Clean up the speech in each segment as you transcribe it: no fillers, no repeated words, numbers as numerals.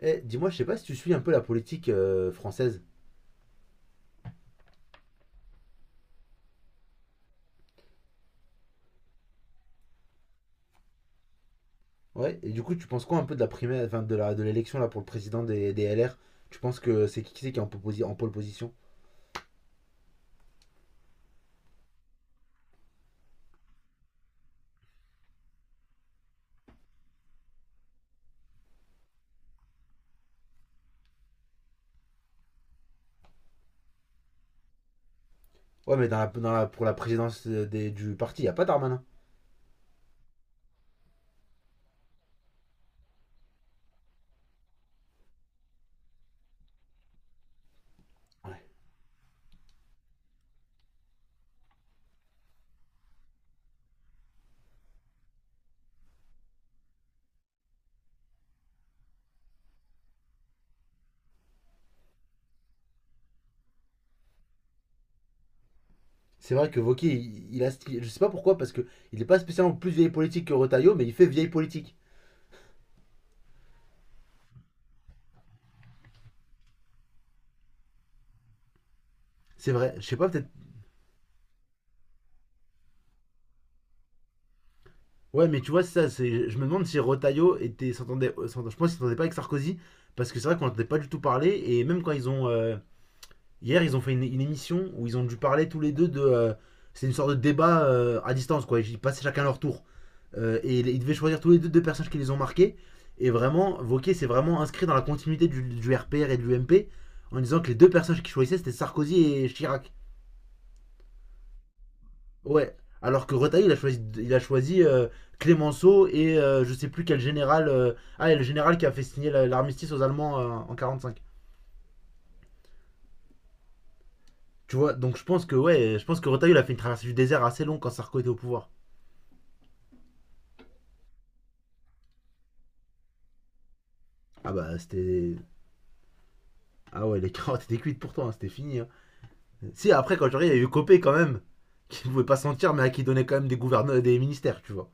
Eh, dis-moi, je sais pas si tu suis un peu la politique française. Ouais, et du coup, tu penses quoi un peu de la primaire, enfin, de l'élection là pour le président des LR? Tu penses que c'est qui c'est qui est en pole position? Ouais, mais pour la présidence du parti, il a pas Darmanin. Ouais. C'est vrai que Wauquiez, il a, je sais pas pourquoi, parce que il est pas spécialement plus vieille politique que Retailleau, mais il fait vieille politique. C'est vrai, je sais pas, peut-être. Ouais, mais tu vois, c'est ça, je me demande si Retailleau je pense qu'il s'entendait pas avec Sarkozy, parce que c'est vrai qu'on n'entendait pas du tout parler, et même quand ils ont. Hier, ils ont fait une émission où ils ont dû parler tous les deux de. C'est une sorte de débat à distance, quoi. Ils passaient chacun leur tour. Et ils devaient choisir tous les deux deux personnages qui les ont marqués. Et vraiment, Vauquier s'est vraiment inscrit dans la continuité du RPR et de l'UMP en disant que les deux personnages qu'il choisissait, c'était Sarkozy et Chirac. Ouais. Alors que Retailleau, il a choisi Clémenceau et je sais plus quel général. Ah, et le général qui a fait signer l'armistice aux Allemands en cinq. Tu vois, donc je pense que ouais, je pense que Retailleau il a fait une traversée du désert assez longue quand Sarko était au pouvoir. Ah bah c'était. Ah ouais, les carottes étaient cuites pour toi, hein, c'était fini. Hein. Si, après, quand je il y a eu Copé quand même, qui ne pouvait pas sentir, mais à qui donnait quand même des gouverneurs, des ministères, tu vois.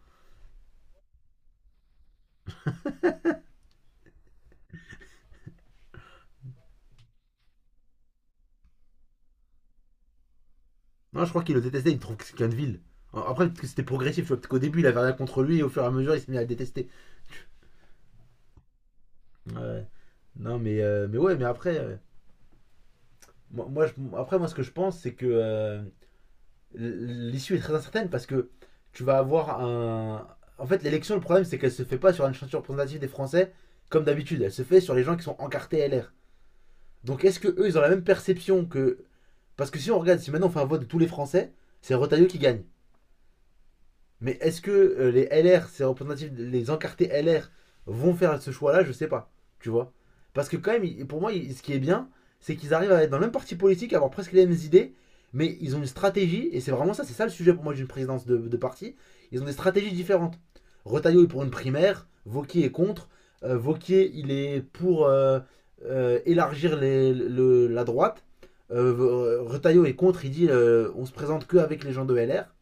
Non, je crois qu'il le détestait, il trouve que c'est qu'une ville. Après, peut-être que c'était progressif, tu vois, peut-être qu'au début, il avait rien contre lui, et au fur et à mesure, il s'est mis à le détester. Ouais. Non, mais ouais, mais après, après, moi, ce que je pense, c'est que l'issue est très incertaine parce que tu vas avoir un. En fait, l'élection, le problème, c'est qu'elle se fait pas sur une chanson représentative des Français comme d'habitude. Elle se fait sur les gens qui sont encartés LR. Donc, est-ce que eux, ils ont la même perception que. Parce que si on regarde, si maintenant on fait un vote de tous les Français, c'est Retailleau qui gagne. Mais est-ce que les LR, ces représentatifs, les encartés LR vont faire ce choix-là. Je sais pas. Tu vois. Parce que quand même, pour moi, ce qui est bien, c'est qu'ils arrivent à être dans le même parti politique, à avoir presque les mêmes idées, mais ils ont une stratégie, et c'est vraiment ça, c'est ça le sujet pour moi d'une présidence de parti. Ils ont des stratégies différentes. Retailleau est pour une primaire, Vauquier est contre, Vauquier, il est pour élargir la droite. Retailleau est contre, il dit on se présente que avec les gens de LR.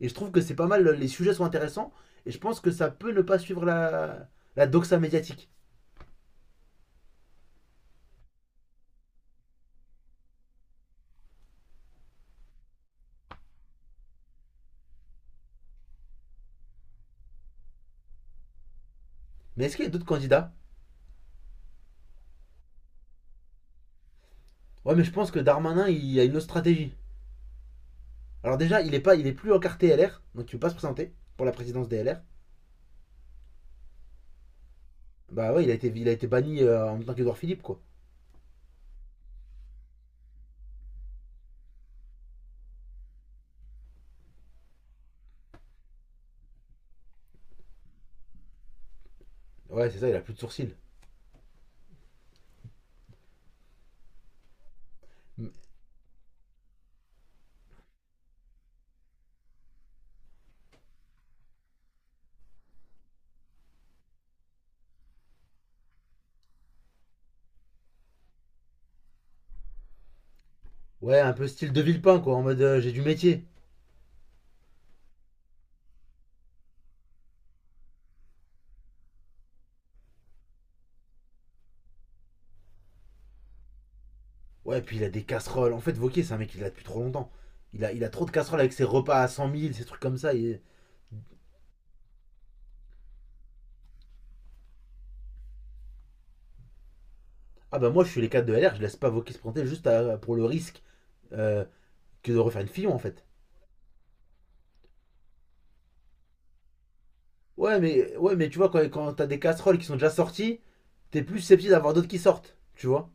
Et je trouve que c'est pas mal, les sujets sont intéressants. Et je pense que ça peut ne pas suivre la doxa médiatique. Mais est-ce qu'il y a d'autres candidats? Ouais, mais je pense que Darmanin, il a une autre stratégie. Alors déjà, il est, pas, il est plus en carte LR, donc il ne peut pas se présenter pour la présidence des LR. Bah ouais, il a été banni en même temps qu'Edouard Philippe, quoi. Ouais, c'est ça, il a plus de sourcils. Ouais, un peu style de Villepin, quoi, en mode j'ai du métier. Ouais, puis il a des casseroles. En fait, Vauquier, c'est un mec qui l'a depuis trop longtemps. Il a trop de casseroles avec ses repas à 100 000, ces trucs comme ça. Il. Ah bah moi je suis les 4 de LR, je laisse pas Vokis se présenter juste pour le risque euh, que de refaire une Fillon en fait. Ouais mais tu vois quand t'as des casseroles qui sont déjà sorties, t'es plus susceptible d'avoir d'autres qui sortent, tu vois.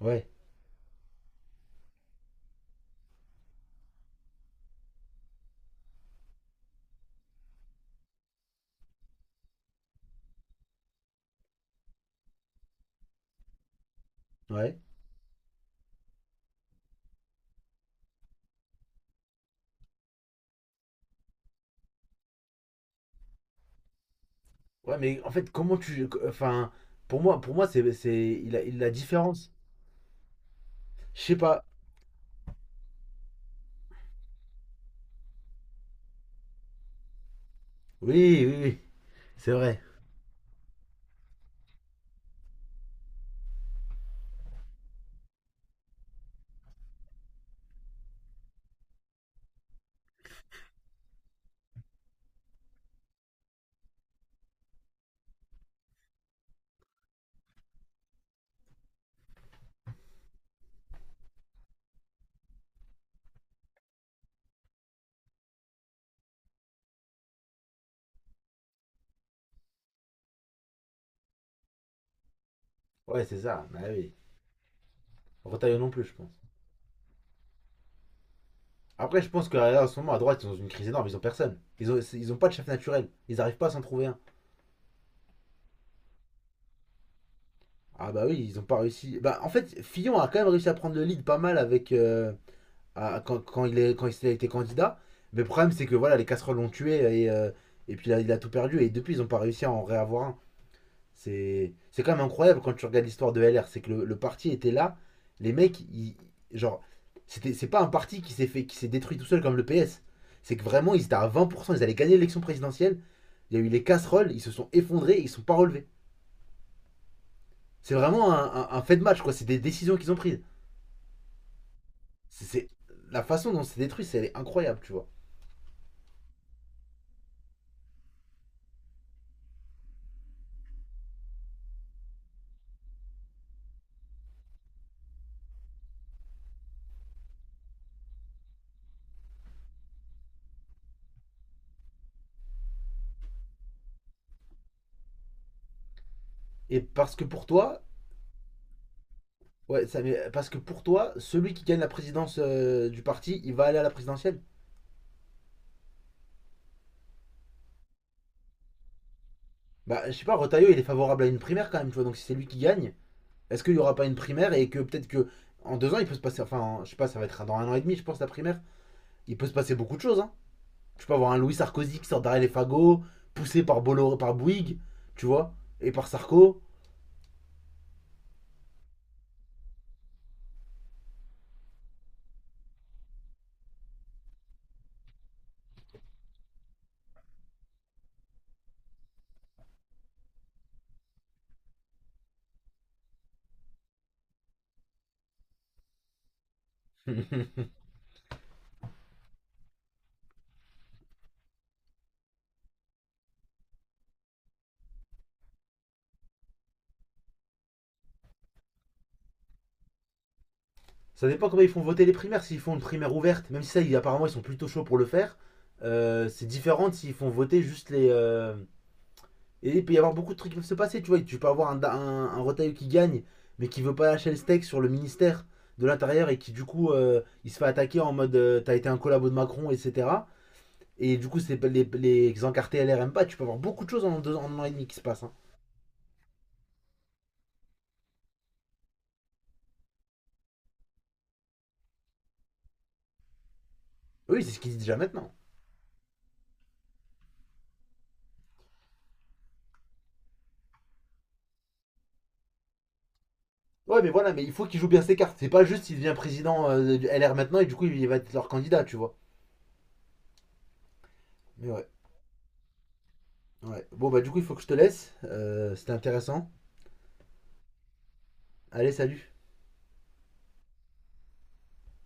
Ouais, ouais. Ouais mais en fait comment tu. Enfin pour moi c'est il a différence. Je sais pas. Oui oui oui. C'est vrai. Ouais c'est ça. Bah oui. Retailleux non plus je pense. Après je pense que là, en ce moment à droite ils sont dans une crise énorme, ils ont personne. Ils ont pas de chef naturel. Ils arrivent pas à s'en trouver un. Ah bah oui, ils ont pas réussi. Bah en fait, Fillon a quand même réussi à prendre le lead pas mal avec quand il était candidat. Mais le problème c'est que voilà, les casseroles l'ont tué et puis là, il a tout perdu et depuis ils ont pas réussi à en réavoir un. C'est quand même incroyable quand tu regardes l'histoire de LR, c'est que le parti était là, les mecs ils genre c'était c'est pas un parti qui s'est fait qui s'est détruit tout seul comme le PS. C'est que vraiment ils étaient à 20%, ils allaient gagner l'élection présidentielle, il y a eu les casseroles, ils se sont effondrés, et ils sont pas relevés. C'est vraiment un fait de match quoi, c'est des décisions qu'ils ont prises. C'est la façon dont c'est détruit, c'est elle est incroyable, tu vois. Et parce que pour toi. Ouais, ça. Mais parce que pour toi, celui qui gagne la présidence du parti, il va aller à la présidentielle. Bah, je sais pas, Retailleau, il est favorable à une primaire quand même, tu vois. Donc si c'est lui qui gagne, est-ce qu'il y aura pas une primaire et que peut-être que en 2 ans, il peut se passer, enfin, je sais pas, ça va être dans un an et demi, je pense, la primaire. Il peut se passer beaucoup de choses, hein. Tu peux avoir un Louis Sarkozy qui sort derrière les fagots, poussé par Bolloré, par Bouygues, tu vois, et par Sarko. Ça dépend comment ils font voter les primaires. S'ils font une primaire ouverte, même si ça, apparemment, ils sont plutôt chauds pour le faire, c'est différent s'ils font voter juste les. Et il peut y avoir beaucoup de trucs qui peuvent se passer, tu vois. Tu peux avoir un Retailleau qui gagne, mais qui veut pas lâcher le steak sur le ministère de l'Intérieur et qui, du coup, il se fait attaquer en mode t'as été un collabo de Macron, etc. Et du coup, c'est les encartés LR aiment pas. Tu peux avoir beaucoup de choses en 2 ans, en an et demi qui se passent. Hein. Oui, c'est ce qu'ils disent déjà maintenant. Ouais, mais voilà, mais il faut qu'il joue bien ses cartes. C'est pas juste s'il devient président du LR maintenant et du coup, il va être leur candidat, tu vois. Mais ouais, ouais. Bon, bah, du coup, il faut que je te laisse. C'était intéressant. Allez, salut.